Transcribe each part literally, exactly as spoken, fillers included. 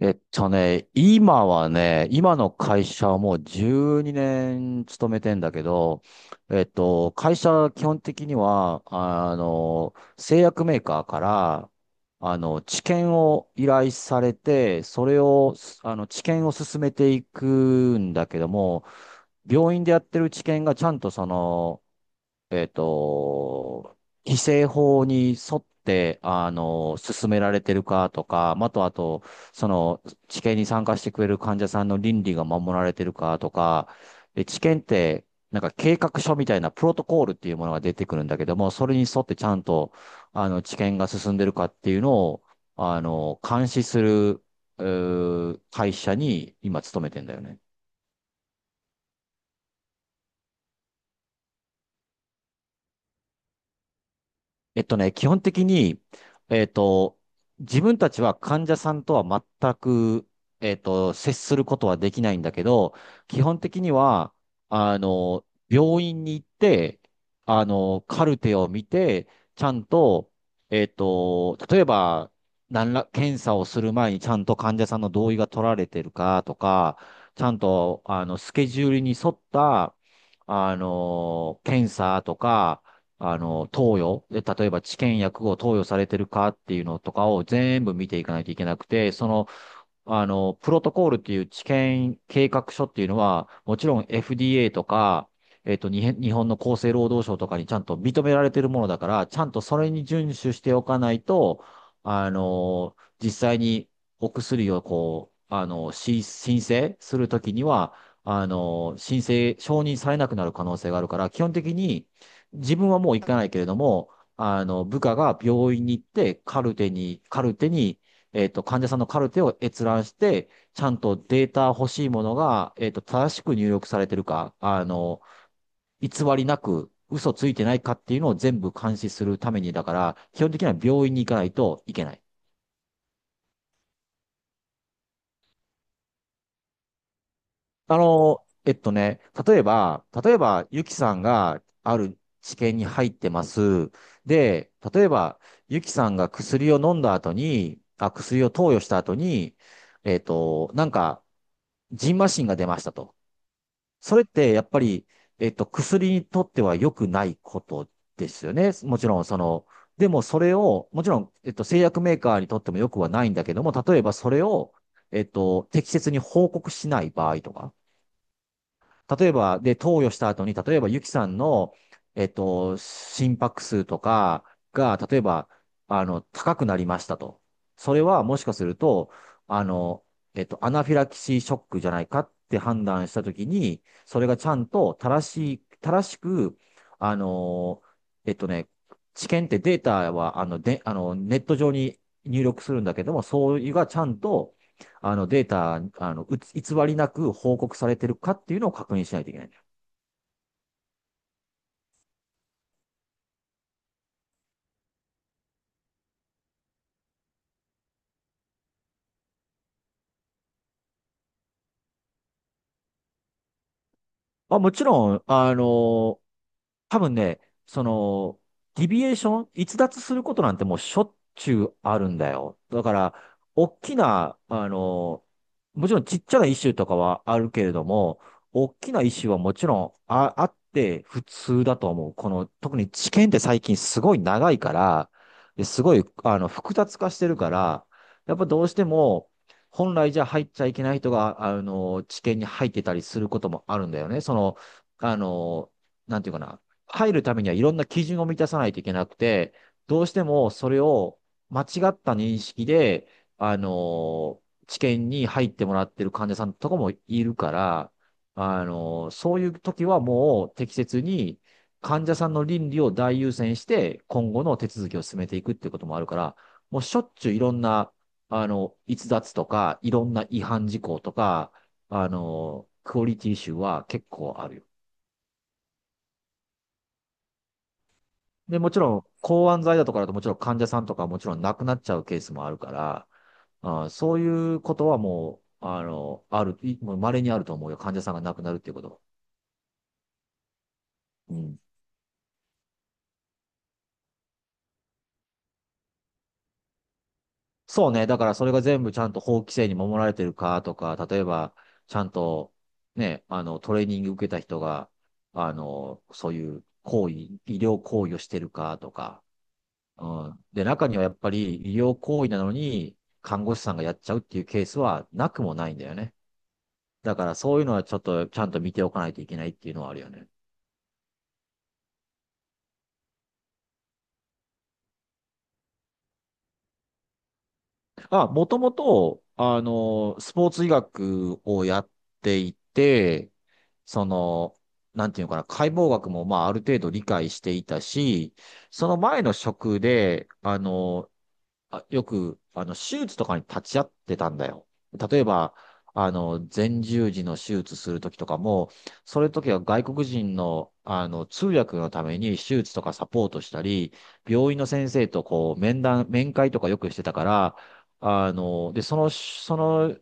えっとね、今はね、今の会社はもうじゅうにねん勤めてんだけど、えっと、会社は基本的には、あの、製薬メーカーから、あの、治験を依頼されて、それを、あの、治験を進めていくんだけども、病院でやってる治験がちゃんとその、えっと、規制法に沿って、あの、進められてるかとか、まあと、あと、その、治験に参加してくれる患者さんの倫理が守られてるかとか、で、治験って、なんか計画書みたいなプロトコールっていうものが出てくるんだけども、それに沿ってちゃんと、あの、治験が進んでるかっていうのを、あの、監視する、うー会社に今勤めてんだよね。えっとね、基本的に、えっと、自分たちは患者さんとは全く、えっと、接することはできないんだけど、基本的には、あの、病院に行って、あの、カルテを見て、ちゃんと、えっと、例えば、何ら、検査をする前にちゃんと患者さんの同意が取られてるかとか、ちゃんと、あの、スケジュールに沿った、あの、検査とか、あの、投与、で、例えば治験薬を投与されてるかっていうのとかを全部見ていかないといけなくて、その、あの、プロトコールっていう治験計画書っていうのは、もちろん エフディーエー とか、えっと、にへん日本の厚生労働省とかにちゃんと認められてるものだから、ちゃんとそれに遵守しておかないと、あの、実際にお薬をこう、あの、し申請するときには、あの、申請、承認されなくなる可能性があるから、基本的に自分はもう行かないけれども、あの、部下が病院に行って、カルテに、カルテに、えっと、患者さんのカルテを閲覧して、ちゃんとデータ欲しいものが、えっと、正しく入力されてるか、あの、偽りなく、嘘ついてないかっていうのを全部監視するために、だから、基本的には病院に行かないといけない。あの、えっとね、例えば、例えば、ゆきさんがある治験に入ってます。で、例えば、ゆきさんが薬を飲んだ後に、あ、薬を投与した後に、えっと、なんか、ジンマシンが出ましたと。それってやっぱり、えっと、薬にとっては良くないことですよね。もちろん、その、でもそれを、もちろん、えっと、製薬メーカーにとっても良くはないんだけども、例えばそれを、えっと、適切に報告しない場合とか、例えば、で、投与した後に、例えば、ゆきさんの、えっと、心拍数とかが、例えば、あの、高くなりましたと。それは、もしかすると、あの、えっと、アナフィラキシーショックじゃないかって判断したときに、それがちゃんと正しい、正しく、あの、えっとね、治験ってデータは、あの、で、あの、ネット上に入力するんだけども、そういうがちゃんと、あの、データ、あの、うつ偽りなく報告されてるかっていうのを確認しないといけないんだよ。まあ、もちろん、あの、多分ね、その、ディビエーション、逸脱することなんてもうしょっちゅうあるんだよ。だから、大きな、あの、もちろんちっちゃなイシューとかはあるけれども、大きなイシューはもちろんあ、あって普通だと思う。この、特に知見って最近すごい長いから、ですごい、あの、複雑化してるから、やっぱどうしても、本来じゃ入っちゃいけない人が、あの、知見に入ってたりすることもあるんだよね。その、あの、なんていうかな。入るためにはいろんな基準を満たさないといけなくて、どうしてもそれを間違った認識で、あの、治験に入ってもらってる患者さんとかもいるから、あの、そういう時はもう適切に患者さんの倫理を大優先して、今後の手続きを進めていくっていうこともあるから、もうしょっちゅういろんな、あの、逸脱とか、いろんな違反事項とか、あの、クオリティイシューは結構あるよ。で、もちろん、抗がん剤だとかだともちろん患者さんとかもちろん亡くなっちゃうケースもあるから、あー、そういうことはもう、あの、ある、いもう稀にあると思うよ。患者さんが亡くなるっていうこと。うん。そうね。だからそれが全部ちゃんと法規制に守られてるかとか、例えば、ちゃんと、ね、あの、トレーニング受けた人が、あの、そういう行為、医療行為をしてるかとか、うん。で、中にはやっぱり医療行為なのに、看護師さんがやっちゃうっていうケースはなくもないんだよね。だからそういうのはちょっとちゃんと見ておかないといけないっていうのはあるよね。あ、もともと、あの、スポーツ医学をやっていて、その、なんていうのかな、解剖学もまあある程度理解していたし、その前の職で、あの、あ、よく、あの、手術とかに立ち会ってたんだよ。例えば、あの、前十字の手術するときとかも、それときは外国人の、あの、通訳のために手術とかサポートしたり、病院の先生とこう、面談、面会とかよくしてたから、あの、で、その、その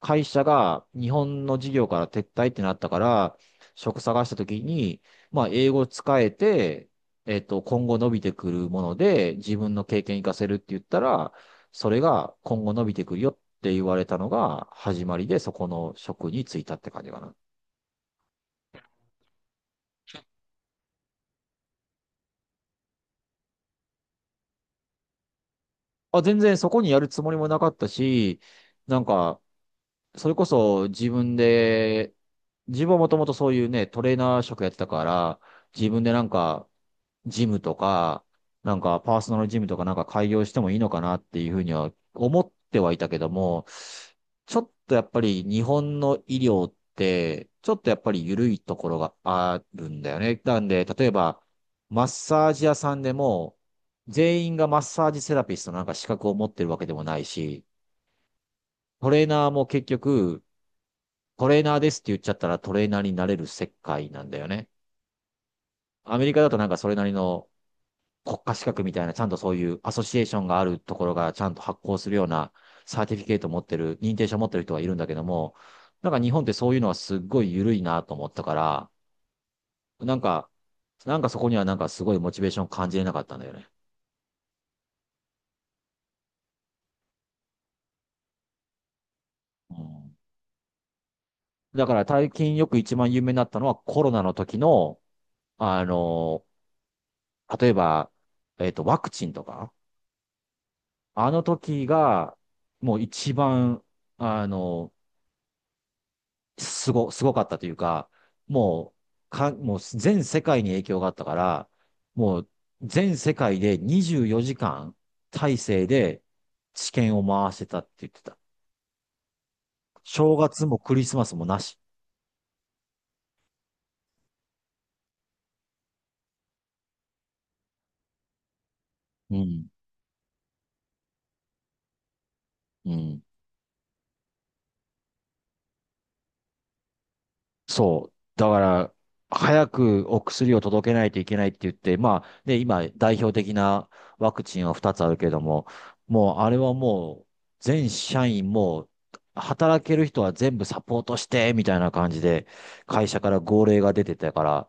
会社が日本の事業から撤退ってなったから、職探したときに、まあ、英語使えて、えっと、今後伸びてくるもので、自分の経験活かせるって言ったら、それが今後伸びてくるよって言われたのが始まりで、そこの職に就いたって感じかな。あ、全然そこにやるつもりもなかったし、なんか、それこそ自分で、自分はもともとそういうね、トレーナー職やってたから、自分でなんか、ジムとか、なんかパーソナルジムとかなんか開業してもいいのかなっていうふうには思ってはいたけども、ちょっとやっぱり日本の医療って、ちょっとやっぱり緩いところがあるんだよね。なんで、例えば、マッサージ屋さんでも、全員がマッサージセラピストのなんか資格を持ってるわけでもないし、トレーナーも結局、トレーナーですって言っちゃったらトレーナーになれる世界なんだよね。アメリカだとなんかそれなりの国家資格みたいな、ちゃんとそういうアソシエーションがあるところがちゃんと発行するようなサーティフィケート持ってる、認定証持ってる人がいるんだけども、なんか日本ってそういうのはすっごい緩いなと思ったから、なんか、なんかそこにはなんかすごいモチベーション感じれなかったんだよね。うん。だから最近よく一番有名になったのはコロナの時の、あの、例えば、えっと、ワクチンとか、あの時が、もう一番、あの、すご、すごかったというか、もう、か、もう全世界に影響があったから、もう全世界でにじゅうよじかん体制で治験を回してたって言ってた。正月もクリスマスもなし。うん。うん。そう。だから、早くお薬を届けないといけないって言って、まあ、ね、今、代表的なワクチンはふたつあるけれども、もう、あれはもう、全社員もう、働ける人は全部サポートして、みたいな感じで、会社から号令が出てたから、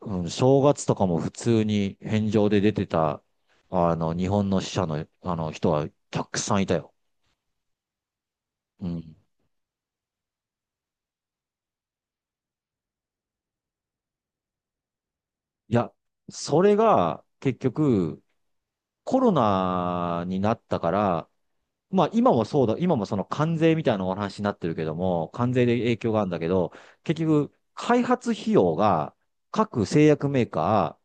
うん、正月とかも普通に返上で出てた、あの、日本の死者の、あの、人はたくさんいたよ。うん。いや、それが、結局、コロナになったから、まあ今もそうだ、今もその関税みたいなお話になってるけども、関税で影響があるんだけど、結局、開発費用が各製薬メーカ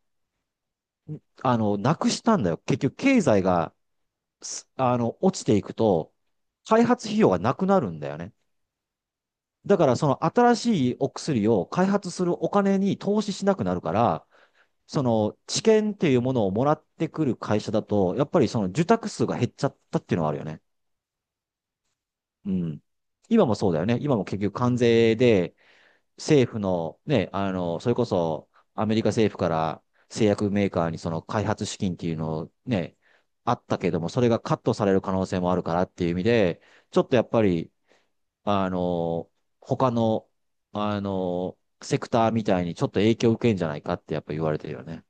ー、あの、なくしたんだよ。結局、経済が、すあの、落ちていくと、開発費用がなくなるんだよね。だから、その新しいお薬を開発するお金に投資しなくなるから、その知見っていうものをもらってくる会社だと、やっぱりその受託数が減っちゃったっていうのはあるよね。うん。今もそうだよね。今も結局関税で政府のね、あの、それこそアメリカ政府から製薬メーカーにその開発資金っていうのをね、あったけども、それがカットされる可能性もあるからっていう意味で、ちょっとやっぱり、あの、他の、あの、セクターみたいにちょっと影響を受けんじゃないかってやっぱ言われてるよね。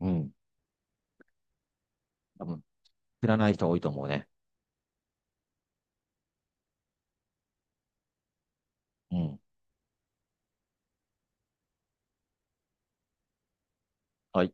うん。多分、知らない人多いと思うね。うん。はい。